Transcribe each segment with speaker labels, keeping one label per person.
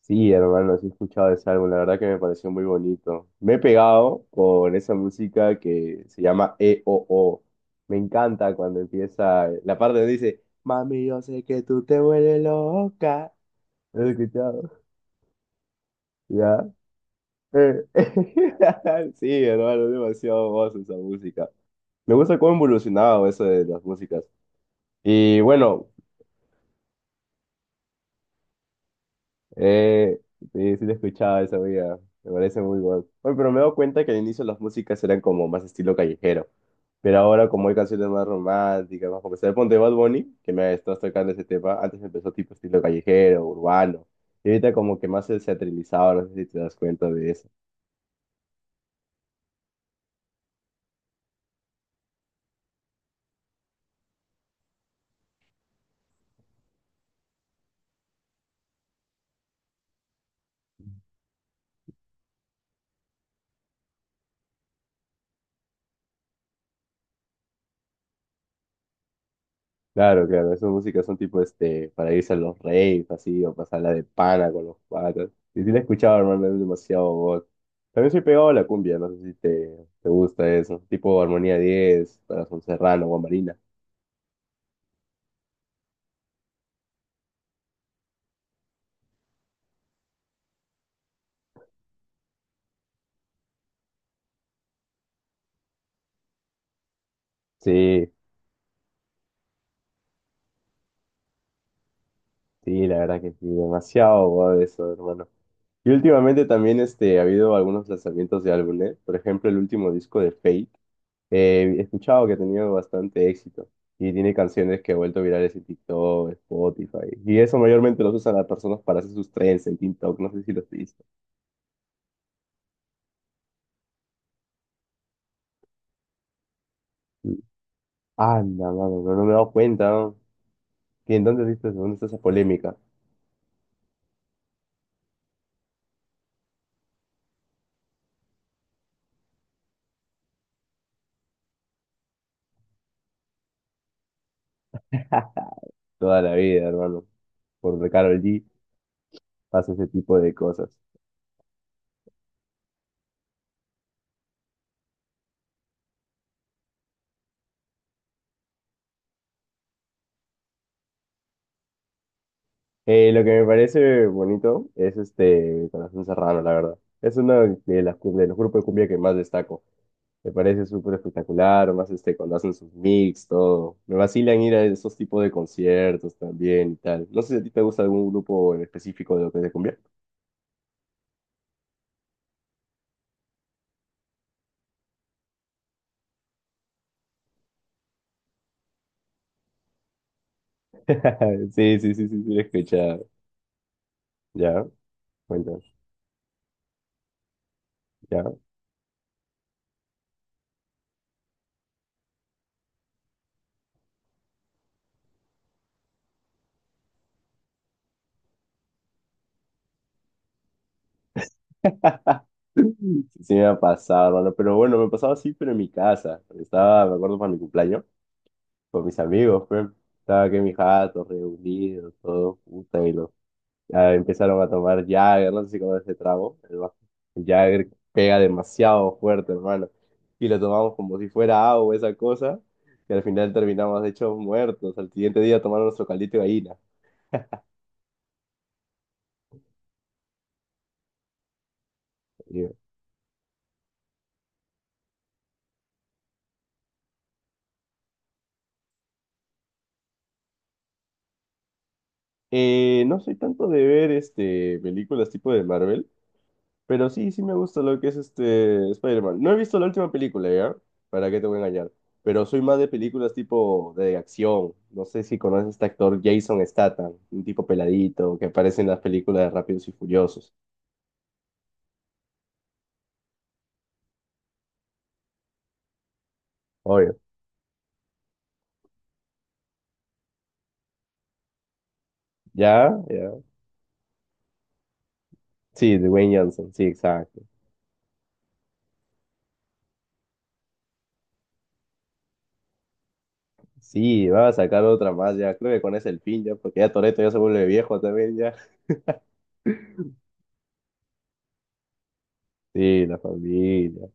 Speaker 1: Sí, hermano, sí he escuchado ese álbum, la verdad que me pareció muy bonito. Me he pegado con esa música que se llama E O. Me encanta cuando empieza la parte donde dice, mami, yo sé que tú te vuelves loca. ¿Lo has escuchado? ¿Ya? Eh, Sí, hermano, es demasiado voz esa música. Me gusta cómo ha evolucionado eso de las músicas. Y bueno, Eh, sí, sí lo escuchaba esa vida. Me parece muy bueno. Oye, pero me he dado cuenta que al inicio las músicas eran como más estilo callejero. Pero ahora como hay canciones más románticas, más comerciales. Ponte Bad Bunny, que me estás tocando ese tema. Antes empezó tipo estilo callejero, urbano. Y ahorita como que más se ha trilizado, no sé si te das cuenta de eso. Claro, claro, esas músicas son tipo para irse a los raves, así, o pasarla de pana con los patas. Y sí la he escuchado, hermano, es demasiado god. También soy pegado a la cumbia, no sé si te gusta eso. Tipo Armonía 10, Corazón Serrano, Guamarina. Sí, sí, la verdad que sí, demasiado god eso, hermano. Y últimamente también ha habido algunos lanzamientos de álbumes. Por ejemplo, el último disco de Fate. He escuchado que ha tenido bastante éxito y tiene canciones que ha vuelto virales en TikTok, Spotify. Y eso mayormente lo usan las personas para hacer sus trends en TikTok. No sé si lo has visto. Anda, mano, pero no me he dado cuenta, ¿no? ¿Y en dónde viste, dónde está esa polémica? Toda la vida, hermano. Por Karol G pasa ese tipo de cosas. Lo que me parece bonito es Corazón Serrano, la verdad. Es uno de los grupos de cumbia que más destaco. Me parece súper espectacular, más cuando hacen sus mix, todo. Me vacilan ir a esos tipos de conciertos también y tal. No sé si a ti te gusta algún grupo en específico de lo que te convierte. Sí, sí, sí, sí, sí, lo he escuchado. Ya, cuéntame, ya. Sí, sí me ha pasado, hermano. Pero bueno, me pasaba así, pero en mi casa. Estaba, me acuerdo, para mi cumpleaños, con mis amigos, pues. Estaba aquí en mi jato, reunidos, todo, puta, y empezaron a tomar Jagger, no sé si conoces ese trago, el Jagger pega demasiado fuerte, hermano, y lo tomamos como si fuera agua, esa cosa, y al final terminamos hechos muertos, al siguiente día tomando nuestro caldito de gallina. Y- no soy tanto de ver películas tipo de Marvel, pero sí, sí me gusta lo que es Spider-Man. No he visto la última película, ¿ya? ¿Para qué te voy a engañar? Pero soy más de películas tipo de acción. No sé si conoces a este actor Jason Statham, un tipo peladito que aparece en las películas de Rápidos y Furiosos. Obvio. ¿Ya? ¿Ya? Sí, Dwayne Johnson, sí, exacto. Sí, va a sacar otra más ya. Creo que con ese el fin ya, porque ya Toretto ya se vuelve viejo también ya. Sí, la familia.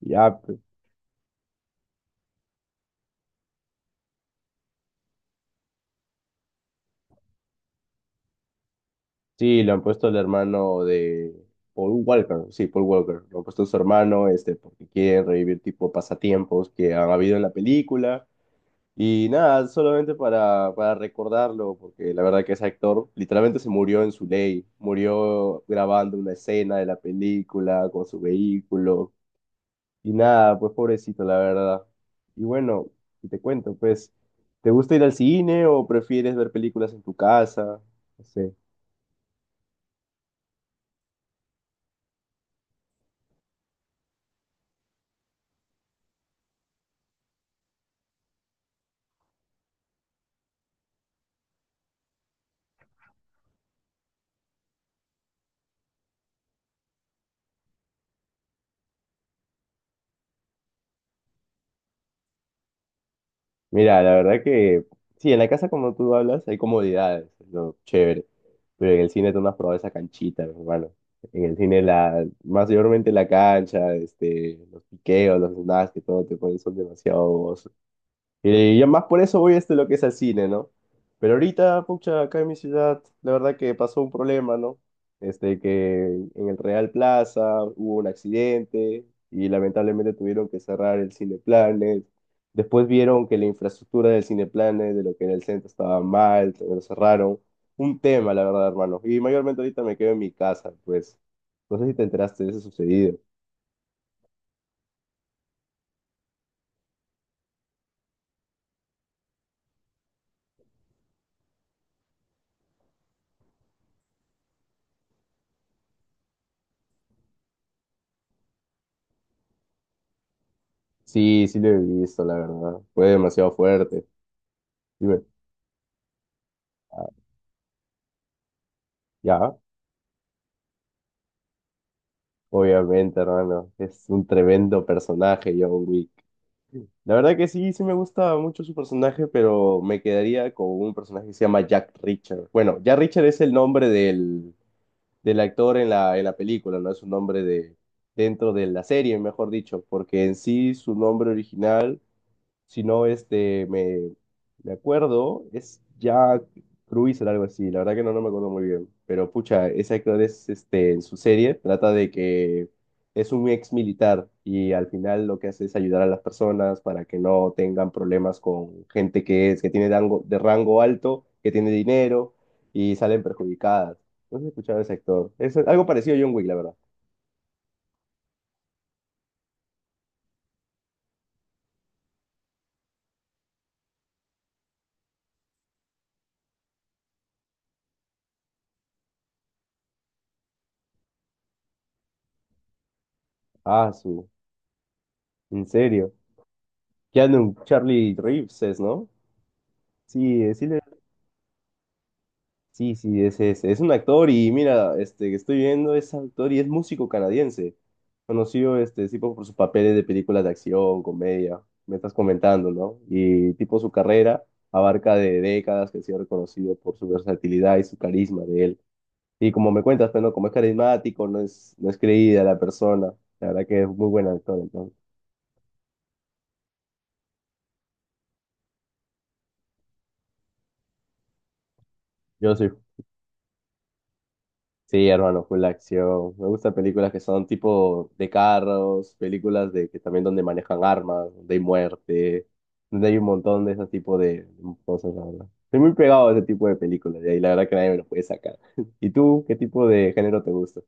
Speaker 1: Ya, pues. Sí, le han puesto el hermano de Paul Walker, sí, Paul Walker, lo han puesto a su hermano, porque quieren revivir tipo pasatiempos que han habido en la película. Y nada, solamente para recordarlo, porque la verdad que ese actor literalmente se murió en su ley, murió grabando una escena de la película con su vehículo. Y nada, pues pobrecito, la verdad. Y bueno, y te cuento, pues, ¿te gusta ir al cine o prefieres ver películas en tu casa? No sé. Mira, la verdad que sí, en la casa como tú hablas hay comodidades, es lo chévere, pero en el cine tú no has probado esa canchita, mi hermano. En el cine mayormente la cancha, los piqueos, los snacks que todo te ponen son demasiado y yo más por eso voy a lo que es al cine, ¿no? Pero ahorita, pucha, acá en mi ciudad, la verdad que pasó un problema, ¿no? Este, que en el Real Plaza hubo un accidente y lamentablemente tuvieron que cerrar el Cineplanet. Después vieron que la infraestructura del Cineplanet, de lo que era el centro, estaba mal, también lo cerraron. Un tema, la verdad, hermano. Y mayormente ahorita me quedo en mi casa, pues. No sé si te enteraste de eso sucedido. Sí, sí lo he visto, la verdad. Fue demasiado fuerte. Dime, ah, ¿ya? Obviamente, hermano, es un tremendo personaje, John Wick. La verdad que sí, sí me gusta mucho su personaje, pero me quedaría con un personaje que se llama Jack Richard. Bueno, Jack Richard es el nombre del actor en en la película, no es un nombre de, dentro de la serie, mejor dicho, porque en sí su nombre original si no, me acuerdo, es Jack Cruiser, algo así, la verdad que no, no me acuerdo muy bien, pero pucha, ese actor es, en su serie, trata de que es un ex militar y al final lo que hace es ayudar a las personas para que no tengan problemas con gente que es, que tiene rango, de rango alto, que tiene dinero y salen perjudicadas. No sé si has escuchado a ese actor, es algo parecido a John Wick, la verdad. Ah, su, en serio. Keanu, Charlie Reeves es, ¿no? Sí, sí, le sí, sí, es un actor y mira, este que estoy viendo es actor y es músico canadiense, conocido este tipo por sus papeles de películas de acción, comedia, me estás comentando, ¿no? Y tipo su carrera abarca de décadas que ha sido reconocido por su versatilidad y su carisma de él. Y como me cuentas, pero como es carismático, no es creída la persona, la verdad que es muy buen actor, entonces. Yo soy sí, hermano, full acción. Me gustan películas que son tipo de carros, películas de que también donde manejan armas, donde hay muerte, donde hay un montón de ese tipo de cosas, la verdad. Estoy muy pegado a ese tipo de películas y ahí la verdad que nadie me lo puede sacar. ¿Y tú, qué tipo de género te gusta?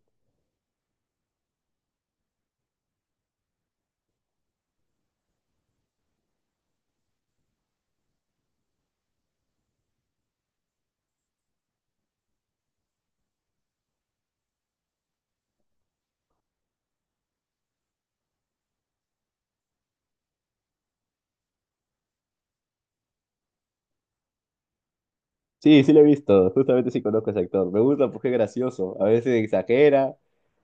Speaker 1: Sí, sí lo he visto, justamente sí conozco a ese actor. Me gusta porque es gracioso, a veces exagera,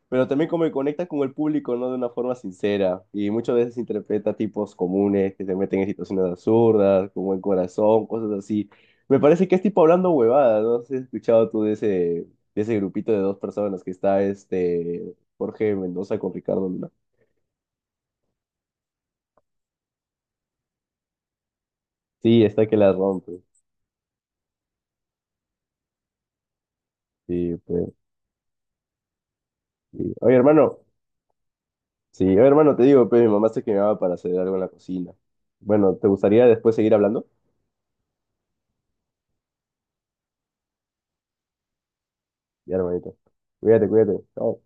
Speaker 1: pero también como que conecta con el público, ¿no? De una forma sincera. Y muchas veces interpreta tipos comunes que se meten en situaciones absurdas, con buen corazón, cosas así. Me parece que es tipo hablando huevadas, ¿no? No sé si, ¿has escuchado tú de ese grupito de dos personas que está este Jorge Mendoza con Ricardo Luna? Sí, está que la rompe. Sí, pues. Sí. Oye, hermano. Sí, oye, hermano, te digo, pues mi mamá se quemaba para hacer algo en la cocina. Bueno, ¿te gustaría después seguir hablando? Ya, hermanito. Cuídate, cuídate. Chao.